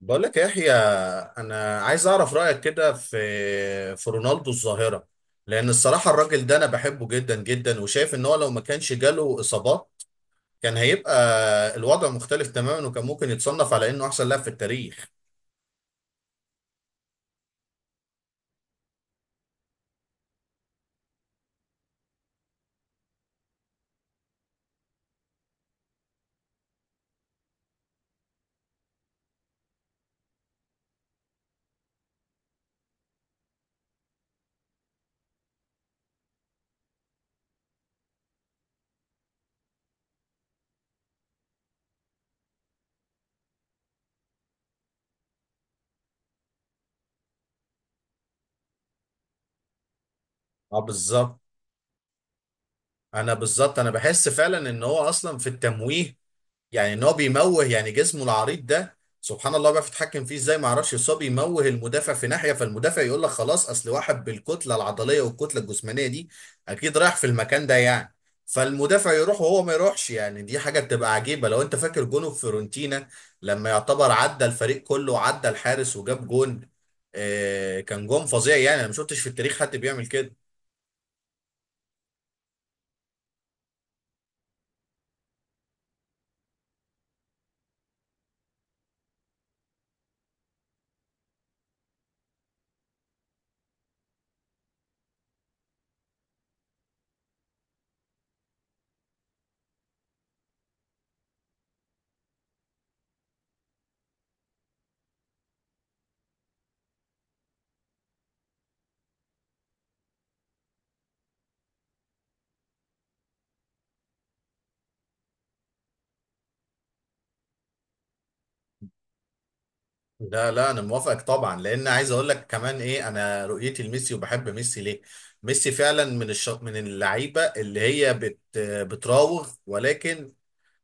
بقول لك يا يحيى، انا عايز اعرف رايك كده في رونالدو الظاهره. لان الصراحه الراجل ده انا بحبه جدا جدا، وشايف ان هو لو ما كانش جاله اصابات كان هيبقى الوضع مختلف تماما، وكان ممكن يتصنف على انه احسن لاعب في التاريخ. اه بالظبط. انا بحس فعلا ان هو اصلا في التمويه، يعني ان هو بيموه، يعني جسمه العريض ده سبحان الله بيعرف يتحكم فيه ازاي ما اعرفش، بس هو بيموه المدافع في ناحيه، فالمدافع يقول لك خلاص اصل واحد بالكتله العضليه والكتله الجسمانيه دي اكيد رايح في المكان ده يعني، فالمدافع يروح وهو ما يروحش، يعني دي حاجه بتبقى عجيبه. لو انت فاكر جونه في فيورنتينا لما يعتبر عدى الفريق كله وعدى الحارس وجاب جون، آه كان جون فظيع، يعني انا ما شفتش في التاريخ حد بيعمل كده. لا لا انا موافقك طبعا، لان عايز اقول لك كمان ايه انا رؤيتي لميسي وبحب ميسي ليه. ميسي فعلا من من اللعيبه اللي هي بتراوغ، ولكن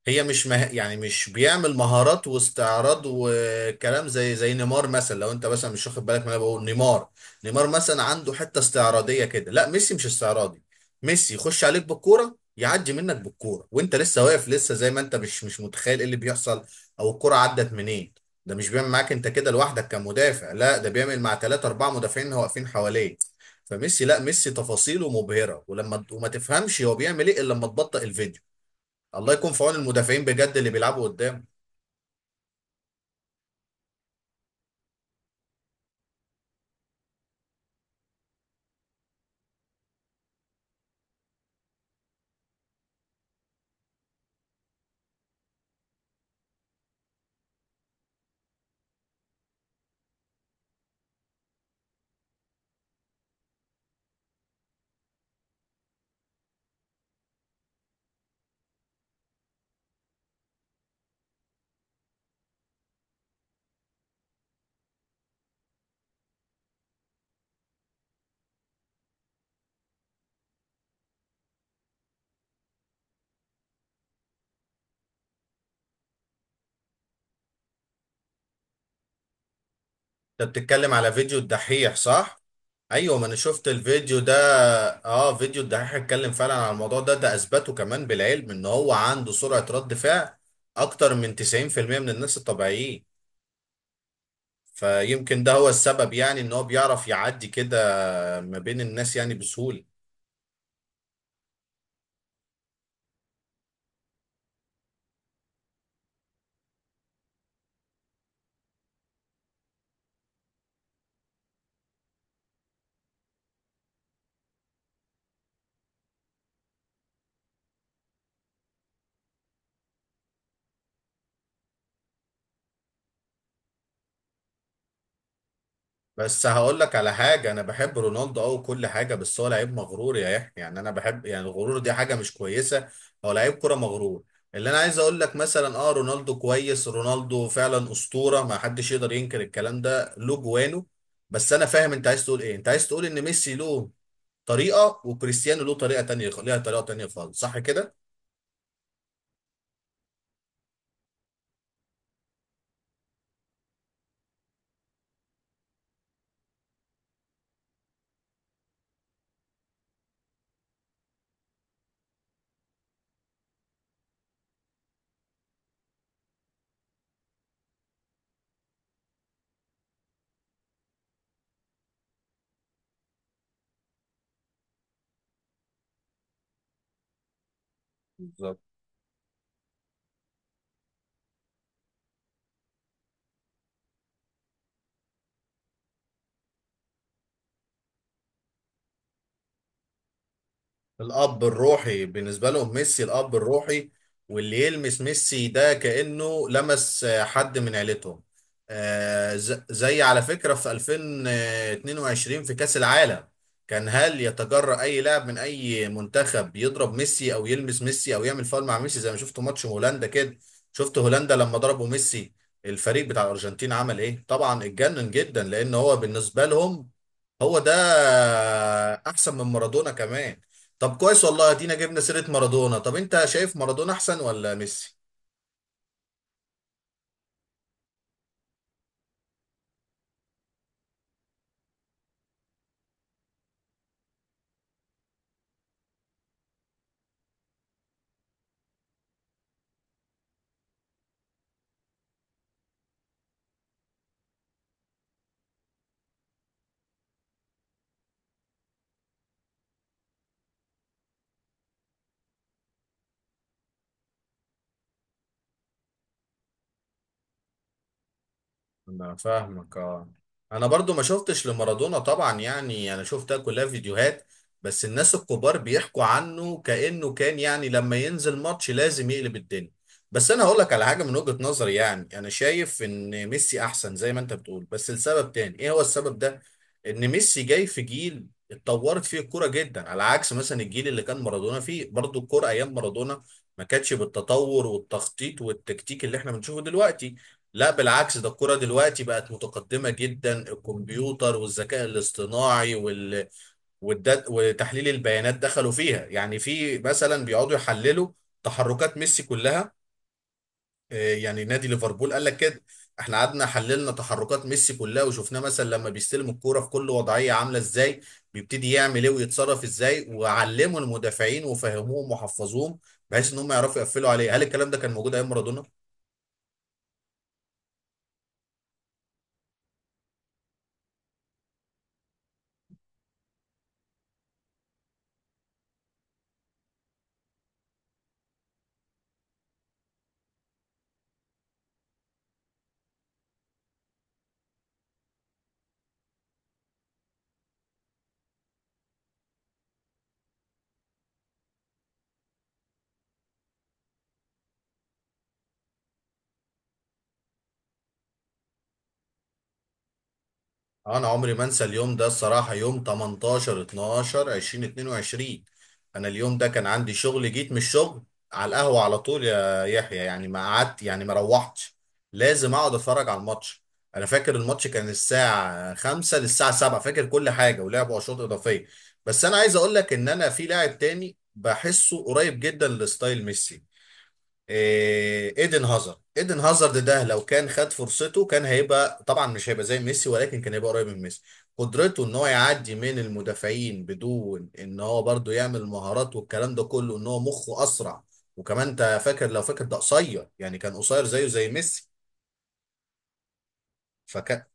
هي مش يعني مش بيعمل مهارات واستعراض وكلام زي نيمار مثلا. لو انت مثلا مش واخد بالك من اللي انا بقول، نيمار مثلا عنده حته استعراضيه كده، لا ميسي مش استعراضي. ميسي يخش عليك بالكوره، يعدي منك بالكوره وانت لسه واقف لسه زي ما انت مش متخيل ايه اللي بيحصل او الكوره عدت منين. ده مش بيعمل معاك انت كده لوحدك كمدافع، لا ده بيعمل مع ثلاثة أربعة مدافعين واقفين حواليه. فميسي لا ميسي تفاصيله مبهرة، وما تفهمش هو بيعمل ايه الا لما تبطئ الفيديو. الله يكون في عون المدافعين بجد اللي بيلعبوا قدام. انت بتتكلم على فيديو الدحيح، صح؟ ايوه ما انا شفت الفيديو ده. اه فيديو الدحيح اتكلم فعلا على الموضوع ده، ده اثبته كمان بالعلم ان هو عنده سرعة رد فعل اكتر من 90% من الناس الطبيعيين. فيمكن ده هو السبب، يعني ان هو بيعرف يعدي كده ما بين الناس يعني بسهولة. بس هقول لك على حاجة، أنا بحب رونالدو أو كل حاجة، بس هو لعيب مغرور يا يحيى، يعني أنا بحب، يعني الغرور دي حاجة مش كويسة. هو لعيب كرة مغرور. اللي أنا عايز أقول لك مثلا، أه رونالدو كويس، رونالدو فعلا أسطورة، ما حدش يقدر ينكر الكلام ده له جوانه. بس أنا فاهم أنت عايز تقول إيه، أنت عايز تقول إن ميسي له طريقة وكريستيانو له طريقة تانية، ليها طريقة تانية خالص، صح كده؟ الاب الروحي بالنسبه لهم ميسي، الاب الروحي، واللي يلمس ميسي ده كانه لمس حد من عيلتهم. زي على فكره في 2022 في كاس العالم، كان هل يتجرأ اي لاعب من اي منتخب يضرب ميسي او يلمس ميسي او يعمل فاول مع ميسي؟ زي ما شفت ماتش هولندا كده. شفت هولندا لما ضربوا ميسي الفريق بتاع الارجنتين عمل ايه؟ طبعا اتجنن جدا لان هو بالنسبه لهم هو ده، احسن من مارادونا كمان. طب كويس، والله ادينا جبنا سيرة مارادونا، طب انت شايف مارادونا احسن ولا ميسي؟ انا فاهمك اه. انا برضو ما شفتش لمارادونا طبعا، يعني انا شفتها كلها فيديوهات، بس الناس الكبار بيحكوا عنه كأنه كان يعني لما ينزل ماتش لازم يقلب الدنيا. بس انا هقول لك على حاجة من وجهة نظري، يعني انا شايف ان ميسي احسن زي ما انت بتقول، بس لسبب تاني. ايه هو السبب ده؟ ان ميسي جاي في جيل اتطورت فيه الكرة جدا، على عكس مثلا الجيل اللي كان مارادونا فيه. برضو الكرة ايام مارادونا ما كانتش بالتطور والتخطيط والتكتيك اللي احنا بنشوفه دلوقتي. لا بالعكس ده الكرة دلوقتي بقت متقدمة جدا، الكمبيوتر والذكاء الاصطناعي وتحليل البيانات دخلوا فيها، يعني في مثلا بيقعدوا يحللوا تحركات ميسي كلها. يعني نادي ليفربول قال لك كده احنا قعدنا حللنا تحركات ميسي كلها، وشفناه مثلا لما بيستلم الكرة في كل وضعية عاملة ازاي، بيبتدي يعمل ايه ويتصرف ازاي، وعلموا المدافعين وفهموهم وحفظوهم بحيث ان هم يعرفوا يقفلوا عليه. هل الكلام ده كان موجود ايام مارادونا؟ انا عمري ما انسى اليوم ده الصراحه، يوم 18 12 2022. انا اليوم ده كان عندي شغل، جيت من الشغل على القهوه على طول يا يحيى، يعني ما قعدت يعني ما روحتش، لازم اقعد اتفرج على الماتش. انا فاكر الماتش كان الساعه 5 للساعه 7، فاكر كل حاجه، ولعبوا اشواط اضافيه. بس انا عايز اقول لك ان انا في لاعب تاني بحسه قريب جدا لستايل ميسي، ايدن هازارد. ايدن هازارد ده لو كان خد فرصته كان هيبقى، طبعا مش هيبقى زي ميسي، ولكن كان هيبقى قريب من ميسي. قدرته ان هو يعدي من المدافعين بدون ان هو برضو يعمل مهارات والكلام ده كله، ان هو مخه اسرع. وكمان انت فاكر لو فاكر ده قصير، يعني كان قصير زيه زي ميسي. فك...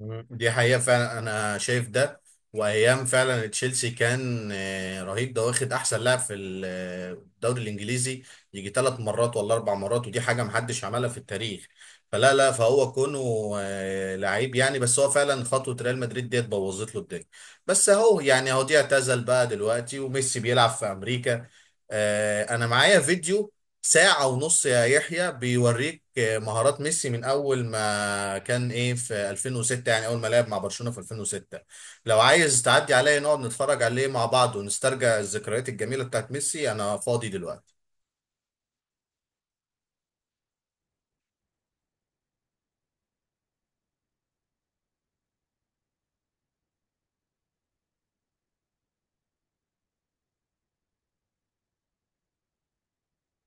مم. دي حقيقة فعلا أنا شايف ده. وأيام فعلا تشيلسي كان رهيب، ده واخد أحسن لاعب في الدوري الإنجليزي يجي ثلاث مرات ولا أربع مرات، ودي حاجة محدش عملها في التاريخ. فلا لا فهو كونه لعيب يعني، بس هو فعلا خطوة ريال مدريد ديت بوظت له الدنيا. بس أهو يعني أهو دي اعتزل بقى دلوقتي وميسي بيلعب في أمريكا. أنا معايا فيديو ساعة ونص يا يحيى بيوريك مهارات ميسي من أول ما كان إيه في 2006، يعني أول ما لعب مع برشلونة في 2006. لو عايز تعدي عليا نقعد نتفرج عليه مع بعض ونسترجع الذكريات الجميلة بتاعت ميسي، أنا فاضي دلوقتي.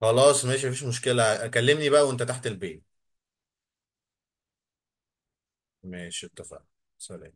خلاص ماشي مفيش مشكلة، كلمني بقى وأنت تحت البيت. ماشي اتفقنا. سلام.